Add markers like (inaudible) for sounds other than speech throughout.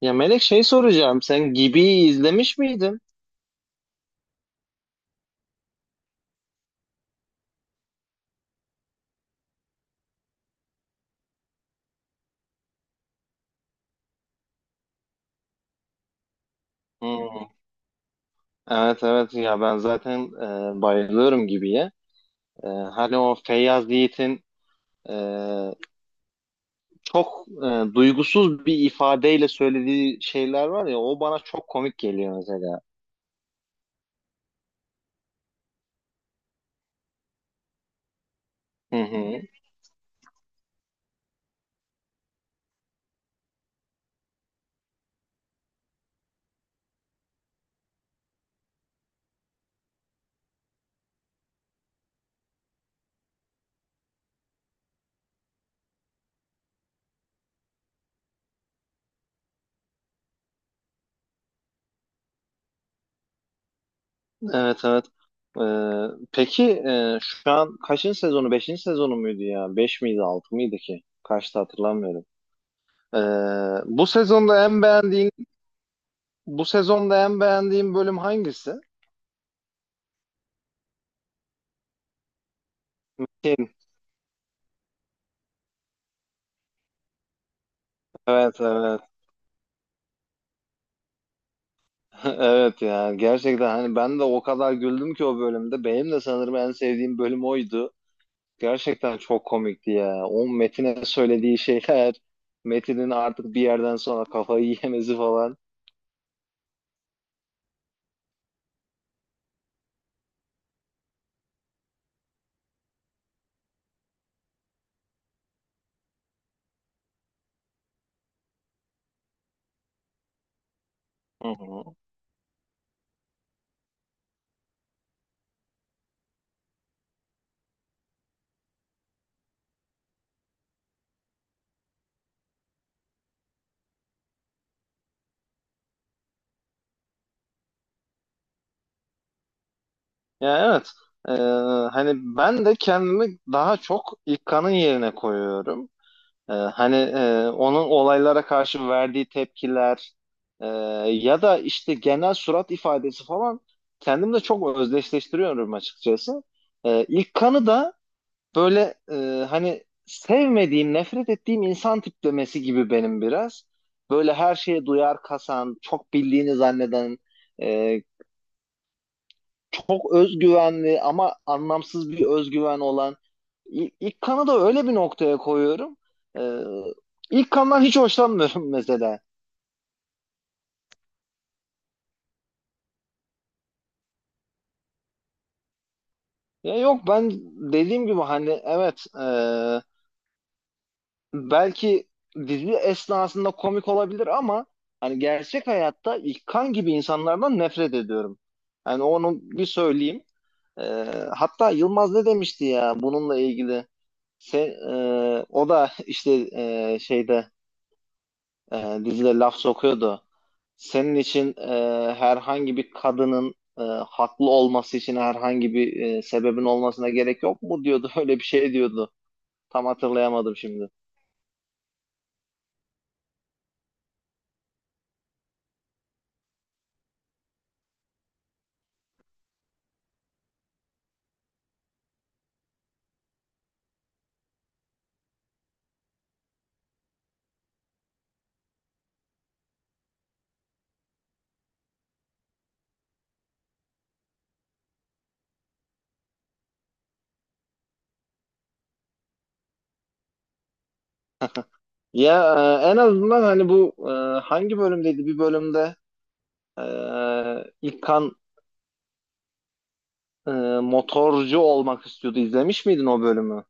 Ya Melek şey soracağım. Sen Gibi'yi izlemiş miydin? Hmm. Evet, evet, ya ben zaten bayılıyorum Gibi'ye. Hani o Feyyaz Yiğit'in e, çok duygusuz bir ifadeyle söylediği şeyler var ya, o bana çok komik geliyor mesela. Hı hı. Evet, evet. E, peki şu an kaçıncı sezonu? Beşinci sezonu muydu ya? Beş miydi altı mıydı ki? Kaçtı hatırlamıyorum. E, Bu sezonda en beğendiğin bu sezonda en beğendiğin bölüm hangisi? Kim? Evet, evet. (laughs) Evet ya, gerçekten hani ben de o kadar güldüm ki o bölümde. Benim de sanırım en sevdiğim bölüm oydu. Gerçekten çok komikti ya. O Metin'e söylediği şeyler, Metin'in artık bir yerden sonra kafayı (laughs) yemesi falan. Hı hı. Ya, evet. Ee, Hani ben de kendimi daha çok İlkan'ın yerine koyuyorum. Hani onun olaylara karşı verdiği tepkiler e, ya da işte genel surat ifadesi falan kendimle çok özdeşleştiriyorum açıkçası. İlk kanı da böyle hani sevmediğim, nefret ettiğim insan tiplemesi gibi benim biraz. Böyle her şeye duyar kasan, çok bildiğini zanneden, e, çok özgüvenli ama anlamsız bir özgüven olan ilk kanı da öyle bir noktaya koyuyorum. Ee, ilk kandan hiç hoşlanmıyorum (laughs) mesela. Ya yok, ben dediğim gibi hani evet, belki dizi esnasında komik olabilir ama hani gerçek hayatta ilk kan gibi insanlardan nefret ediyorum. Yani onu bir söyleyeyim. Ee, Hatta Yılmaz ne demişti ya bununla ilgili? Se- O da işte şeyde dizide laf sokuyordu. Senin için herhangi bir kadının haklı olması için herhangi bir sebebin olmasına gerek yok mu diyordu. (laughs) Öyle bir şey diyordu. Tam hatırlayamadım şimdi. (laughs) Ya en azından hani bu hangi bölümdeydi? Bir bölümde İlkan e, motorcu olmak istiyordu. İzlemiş miydin o bölümü?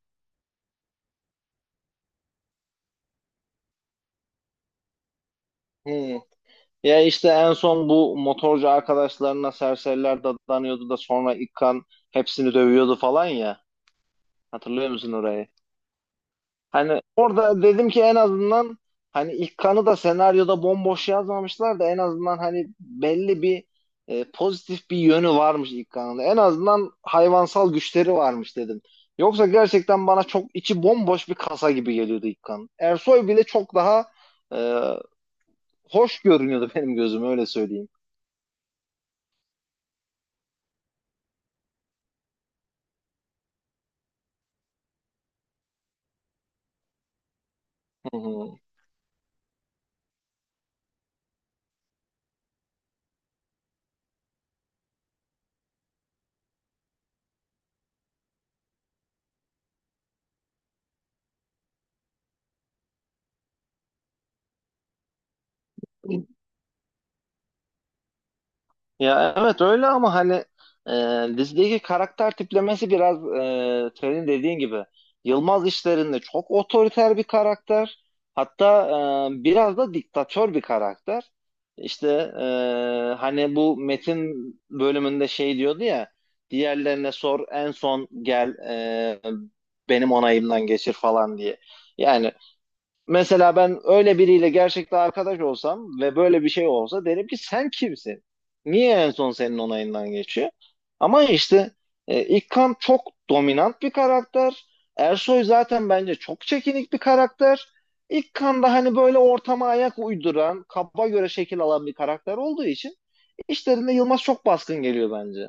Hmm. Ya işte en son bu motorcu arkadaşlarına serseriler dadanıyordu da sonra İlkan hepsini dövüyordu falan ya. Hatırlıyor musun orayı? Hani orada dedim ki en azından hani ilk kanı da senaryoda bomboş yazmamışlar da en azından hani belli bir pozitif bir yönü varmış ilk kanında. En azından hayvansal güçleri varmış dedim. Yoksa gerçekten bana çok içi bomboş bir kasa gibi geliyordu ilk kan. Ersoy bile çok daha e, hoş görünüyordu benim gözüme, öyle söyleyeyim. Hı hı. Ya evet, öyle ama hani dizideki karakter tiplemesi biraz senin dediğin gibi Yılmaz işlerinde çok otoriter bir karakter. Hatta biraz da diktatör bir karakter. İşte hani bu Metin bölümünde şey diyordu ya, diğerlerine sor en son gel benim onayımdan geçir falan diye. Yani mesela ben öyle biriyle gerçekten arkadaş olsam ve böyle bir şey olsa derim ki sen kimsin? Niye en son senin onayından geçiyor? Ama işte İlkan çok dominant bir karakter. Ersoy zaten bence çok çekinik bir karakter. İlkan da hani böyle ortama ayak uyduran, kaba göre şekil alan bir karakter olduğu için işlerinde Yılmaz çok baskın geliyor bence.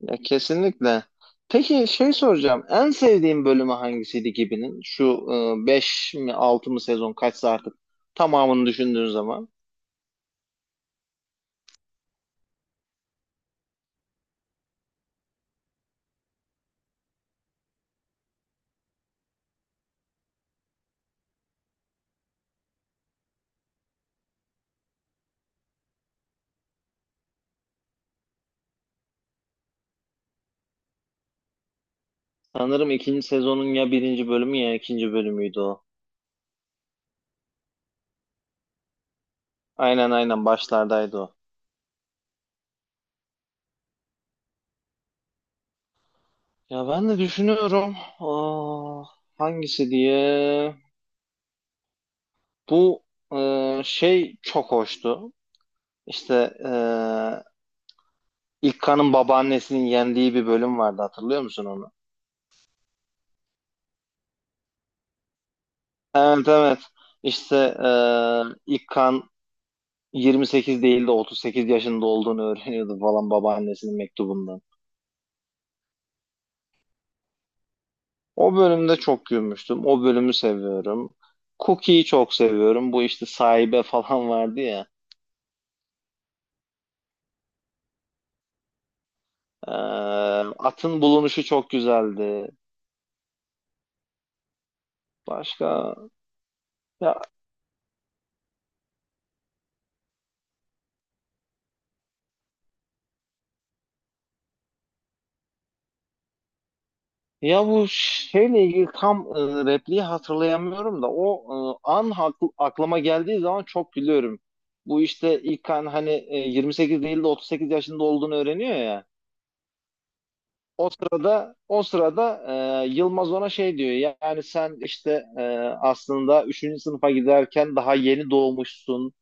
Ya kesinlikle. Peki şey soracağım. En sevdiğin bölümü hangisiydi gibinin? Şu 5 mi 6 mı sezon kaçsa artık tamamını düşündüğün zaman. Sanırım ikinci sezonun ya birinci bölümü ya ikinci bölümüydü o. Aynen, aynen başlardaydı o. Ya ben de düşünüyorum. Aa, hangisi diye. Bu şey çok hoştu. İşte İlkan'ın babaannesinin yendiği bir bölüm vardı, hatırlıyor musun onu? Evet, evet. İşte ilk kan 28 değil de 38 yaşında olduğunu öğreniyordu falan babaannesinin mektubundan. O bölümde çok gülmüştüm. O bölümü seviyorum. Cookie'yi çok seviyorum. Bu işte sahibe falan vardı ya. E, Atın bulunuşu çok güzeldi. Başka ya. Ya bu şeyle ilgili tam repliği hatırlayamıyorum da o an aklıma geldiği zaman çok gülüyorum. Bu işte ilk an hani 28 değil de 38 yaşında olduğunu öğreniyor ya. O sırada, o sırada Yılmaz ona şey diyor. Yani sen işte aslında üçüncü sınıfa giderken daha yeni doğmuşsun.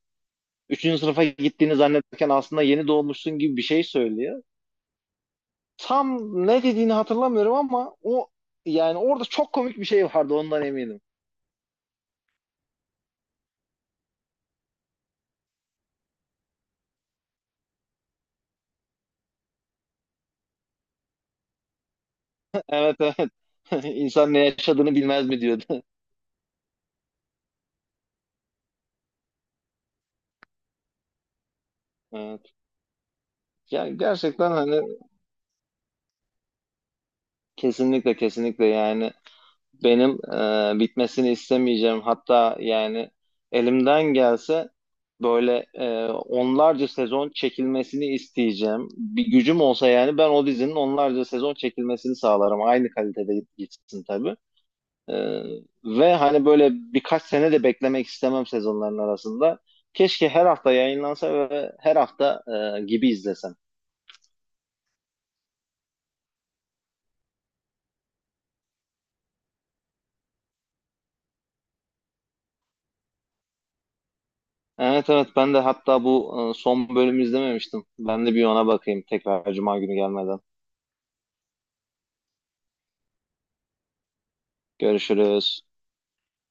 Üçüncü sınıfa gittiğini zannederken aslında yeni doğmuşsun gibi bir şey söylüyor. Tam ne dediğini hatırlamıyorum ama o, yani orada çok komik bir şey vardı ondan eminim. Evet, evet. (laughs) İnsan ne yaşadığını bilmez mi diyordu. (laughs) Evet. Yani gerçekten hani kesinlikle, kesinlikle yani benim bitmesini istemeyeceğim. Hatta yani elimden gelse böyle onlarca sezon çekilmesini isteyeceğim. Bir gücüm olsa yani ben o dizinin onlarca sezon çekilmesini sağlarım. Aynı kalitede gitsin tabii. Ee, Ve hani böyle birkaç sene de beklemek istemem sezonların arasında. Keşke her hafta yayınlansa ve her hafta gibi izlesem. Evet, evet, ben de hatta bu son bölümü izlememiştim. Ben de bir ona bakayım tekrar Cuma günü gelmeden. Görüşürüz.